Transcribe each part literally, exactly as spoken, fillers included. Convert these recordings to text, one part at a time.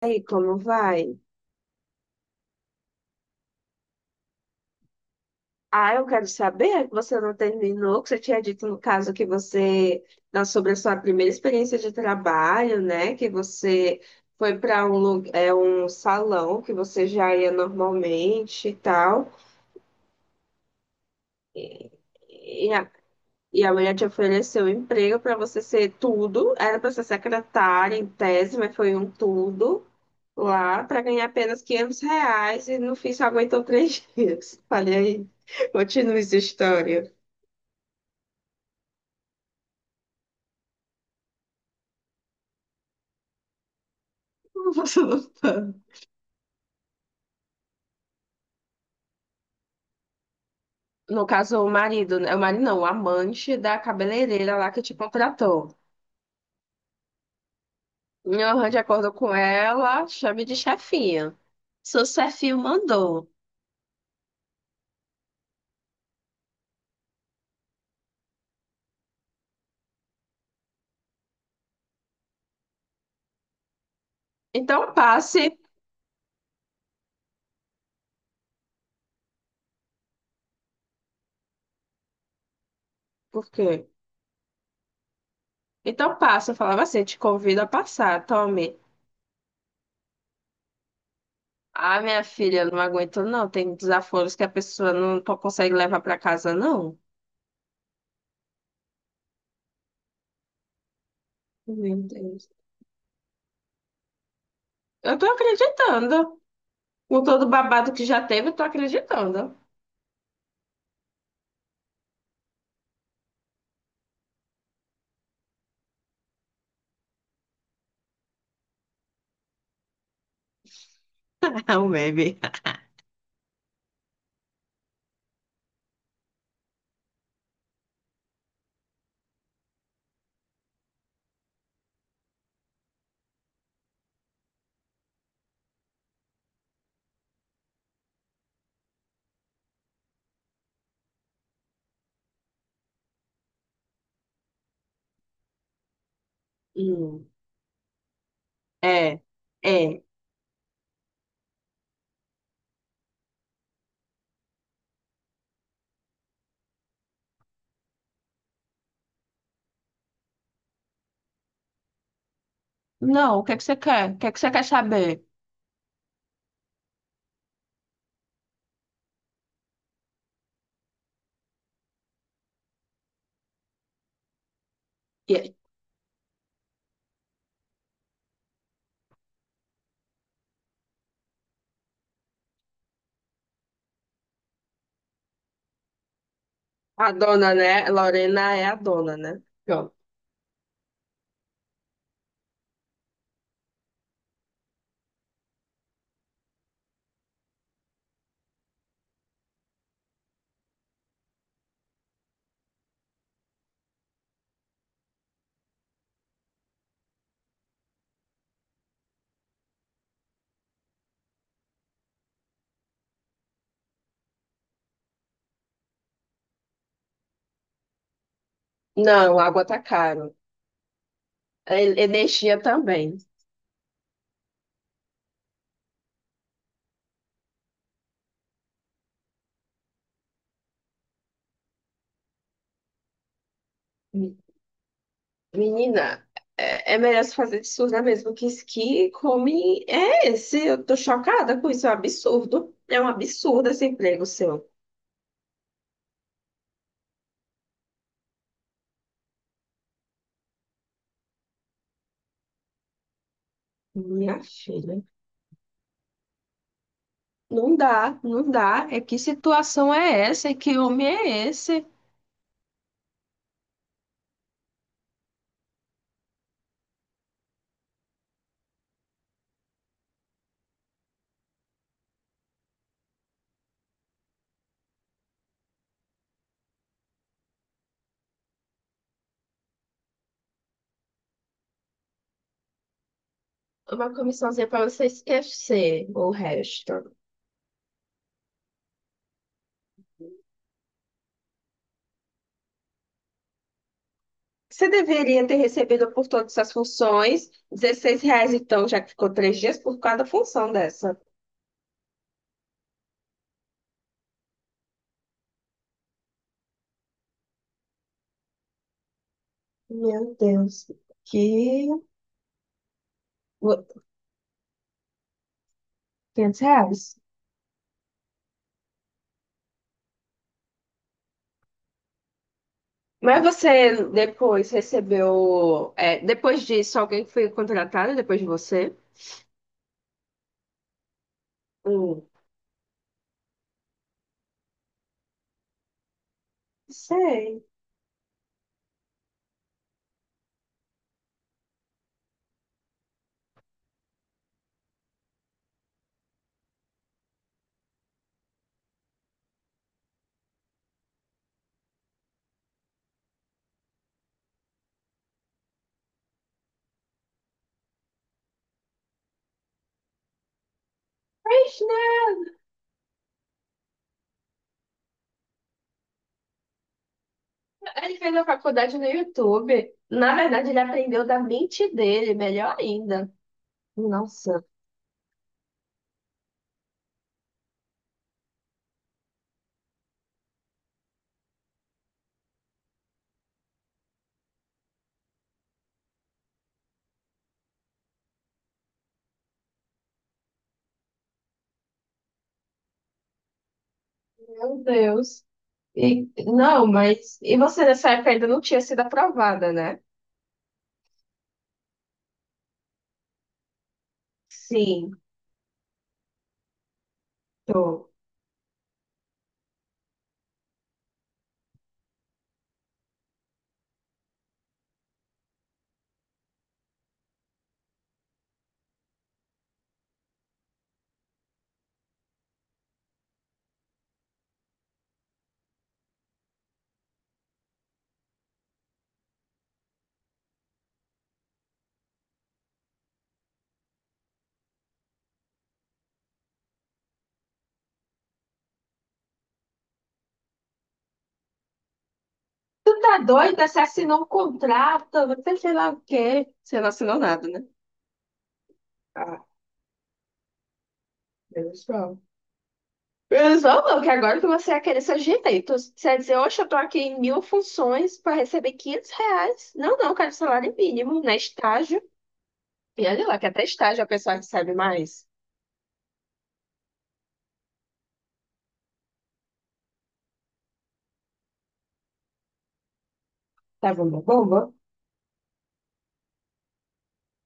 Aí, como vai? Ah, eu quero saber que você não terminou, que você tinha dito no caso que você, na- sobre a sua primeira experiência de trabalho, né? Que você foi para um, lu- é, um salão que você já ia normalmente e tal. E a, e a mulher te ofereceu emprego para você ser tudo. Era para ser secretária em tese, mas foi um tudo lá para ganhar apenas quinhentos reais e no fim só aguentou três dias. Falei aí, continua essa história. Você não tá. No caso, o marido, né? O marido não, o amante da cabeleireira lá que te contratou. Eu arranjo acordo com ela, chame de chefinha. Seu chefinho mandou. Então passe. Por quê? Então passa. Eu falava assim, te convido a passar, tome. Ah, minha filha, não aguento não. Tem desaforos que a pessoa não po- consegue levar para casa, não. Meu Deus. Eu tô acreditando. Com todo o babado que já teve, eu tô acreditando. É um meme. É, é. Não, o que é que você quer? O que é que você quer saber? E a dona, né? Lorena é a dona, né? Pronto. Não, água tá caro. E- Energia também. Menina, é, é melhor se fazer de surda mesmo, que isso que come é esse. Eu tô chocada com isso, é um absurdo. É um absurdo esse emprego seu. Minha filha, não dá, não dá. É que situação é essa? É que homem é esse? Uma comissãozinha para você esquecer o resto. Você deveria ter recebido por todas as funções dezesseis reais, então, já que ficou três dias por cada função dessa. Meu Deus, que... quinhentos reais? Mas você depois recebeu. É, depois disso, alguém foi contratado depois de você? Hum, sei. Mas, né, ele fez a faculdade no YouTube. Na verdade, ele aprendeu da mente dele, melhor ainda. Nossa, meu Deus. E, não, mas. E você nessa época ainda não tinha sido aprovada, né? Sim, tô. Tu tá doida? Você assinou um contrato, você sei lá o quê. Você não assinou nada, né? Ah, menos mal. Menos mal não, que agora que você ia querer seus direitos. Você ia dizer, oxe, eu tô aqui em mil funções pra receber quinhentos reais. Não, não, eu quero salário mínimo, né? Estágio. E olha lá, que até estágio a pessoa recebe mais. Tava uma bomba.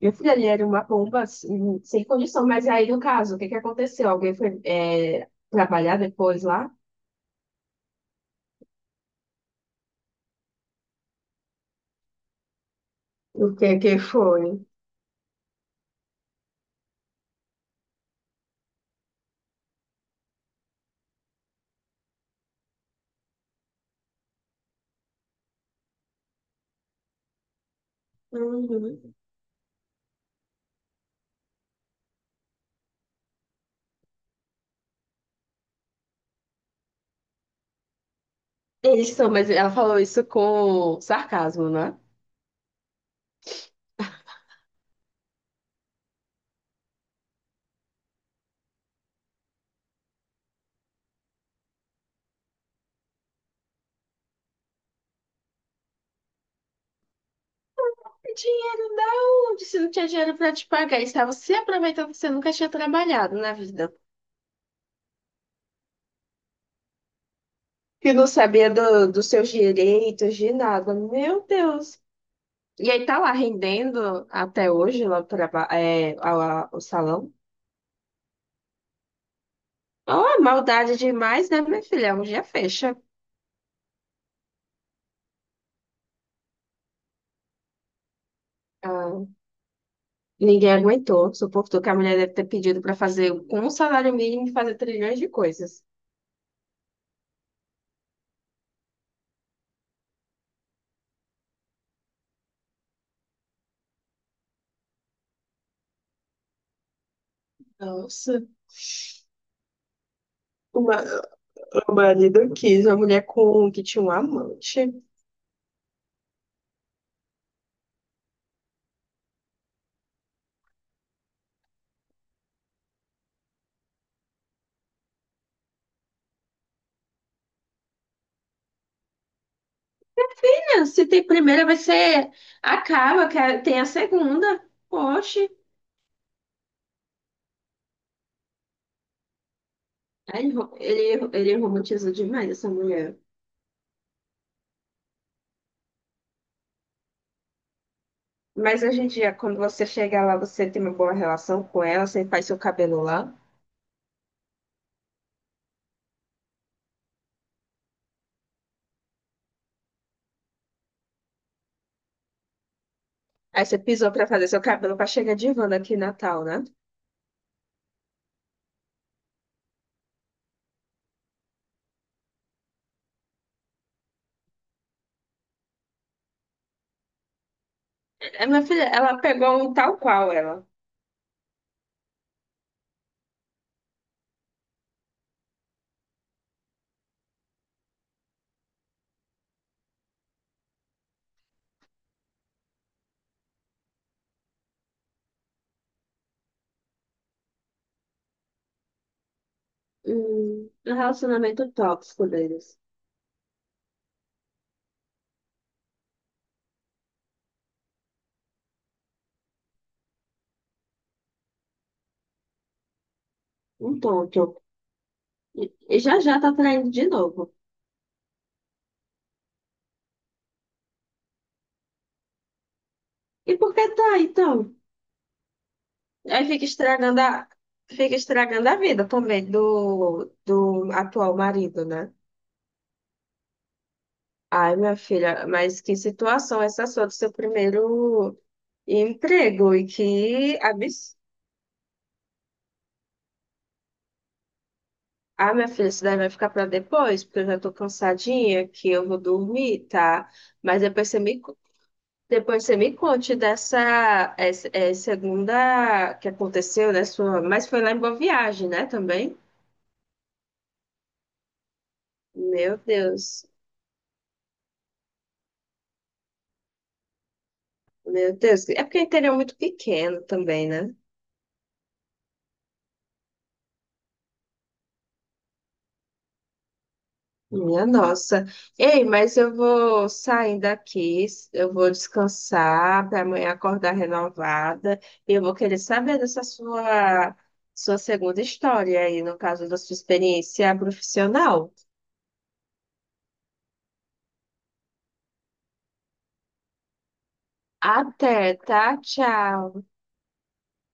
Meu filho, ali era uma bomba assim, sem condição, mas aí no caso, o que que aconteceu? Alguém foi é, trabalhar depois lá? O que que foi? Uhum. Eles são, mas ela falou isso com sarcasmo, né? Dinheiro não, disse não tinha dinheiro para te pagar, estava se aproveitando que você nunca tinha trabalhado na vida. Que não sabia do, dos seus direitos, de nada. Meu Deus. E aí tá lá rendendo até hoje lá o traba- é, a- a- o salão. Oh, maldade demais, né, minha filha? Um dia fecha. Ah, ninguém aguentou, suportou que a mulher deve ter pedido para fazer com um salário mínimo fazer trilhões de coisas. Nossa, o ma- o marido quis uma mulher com que tinha um amante. É, se tem primeira, vai ser. Acaba, que a- tem a segunda. Poxa. Aí Ele, ro- ele, ele romantizou demais essa mulher. Mas hoje em dia, quando você chega lá, você tem uma boa relação com ela, você faz seu cabelo lá. Aí você pisou pra fazer seu cabelo pra chegar de Wanda aqui em Natal, né? É, minha filha, ela pegou um tal qual ela. Um, um relacionamento tóxico deles. Um tonto. E, e já já tá traindo de novo. E por que tá, então? Aí fica estragando a, fica estragando a vida também do, do atual marido, né? Ai, minha filha, mas que situação essa sua do seu primeiro emprego? E que absurdo. Ah, minha filha, isso daí vai ficar para depois, porque eu já tô cansadinha, que eu vou dormir, tá? Mas depois você me, co- depois você me conte dessa essa, é, segunda que aconteceu, né? Sua, mas foi lá em Boa Viagem, né, também? Meu Deus, meu Deus. É porque o interior é muito pequeno também, né? Minha nossa. Ei, mas eu vou saindo aqui, eu vou descansar para amanhã acordar renovada. E eu vou querer saber dessa sua, sua segunda história aí, no caso da sua experiência profissional. Até, tá? Tchau.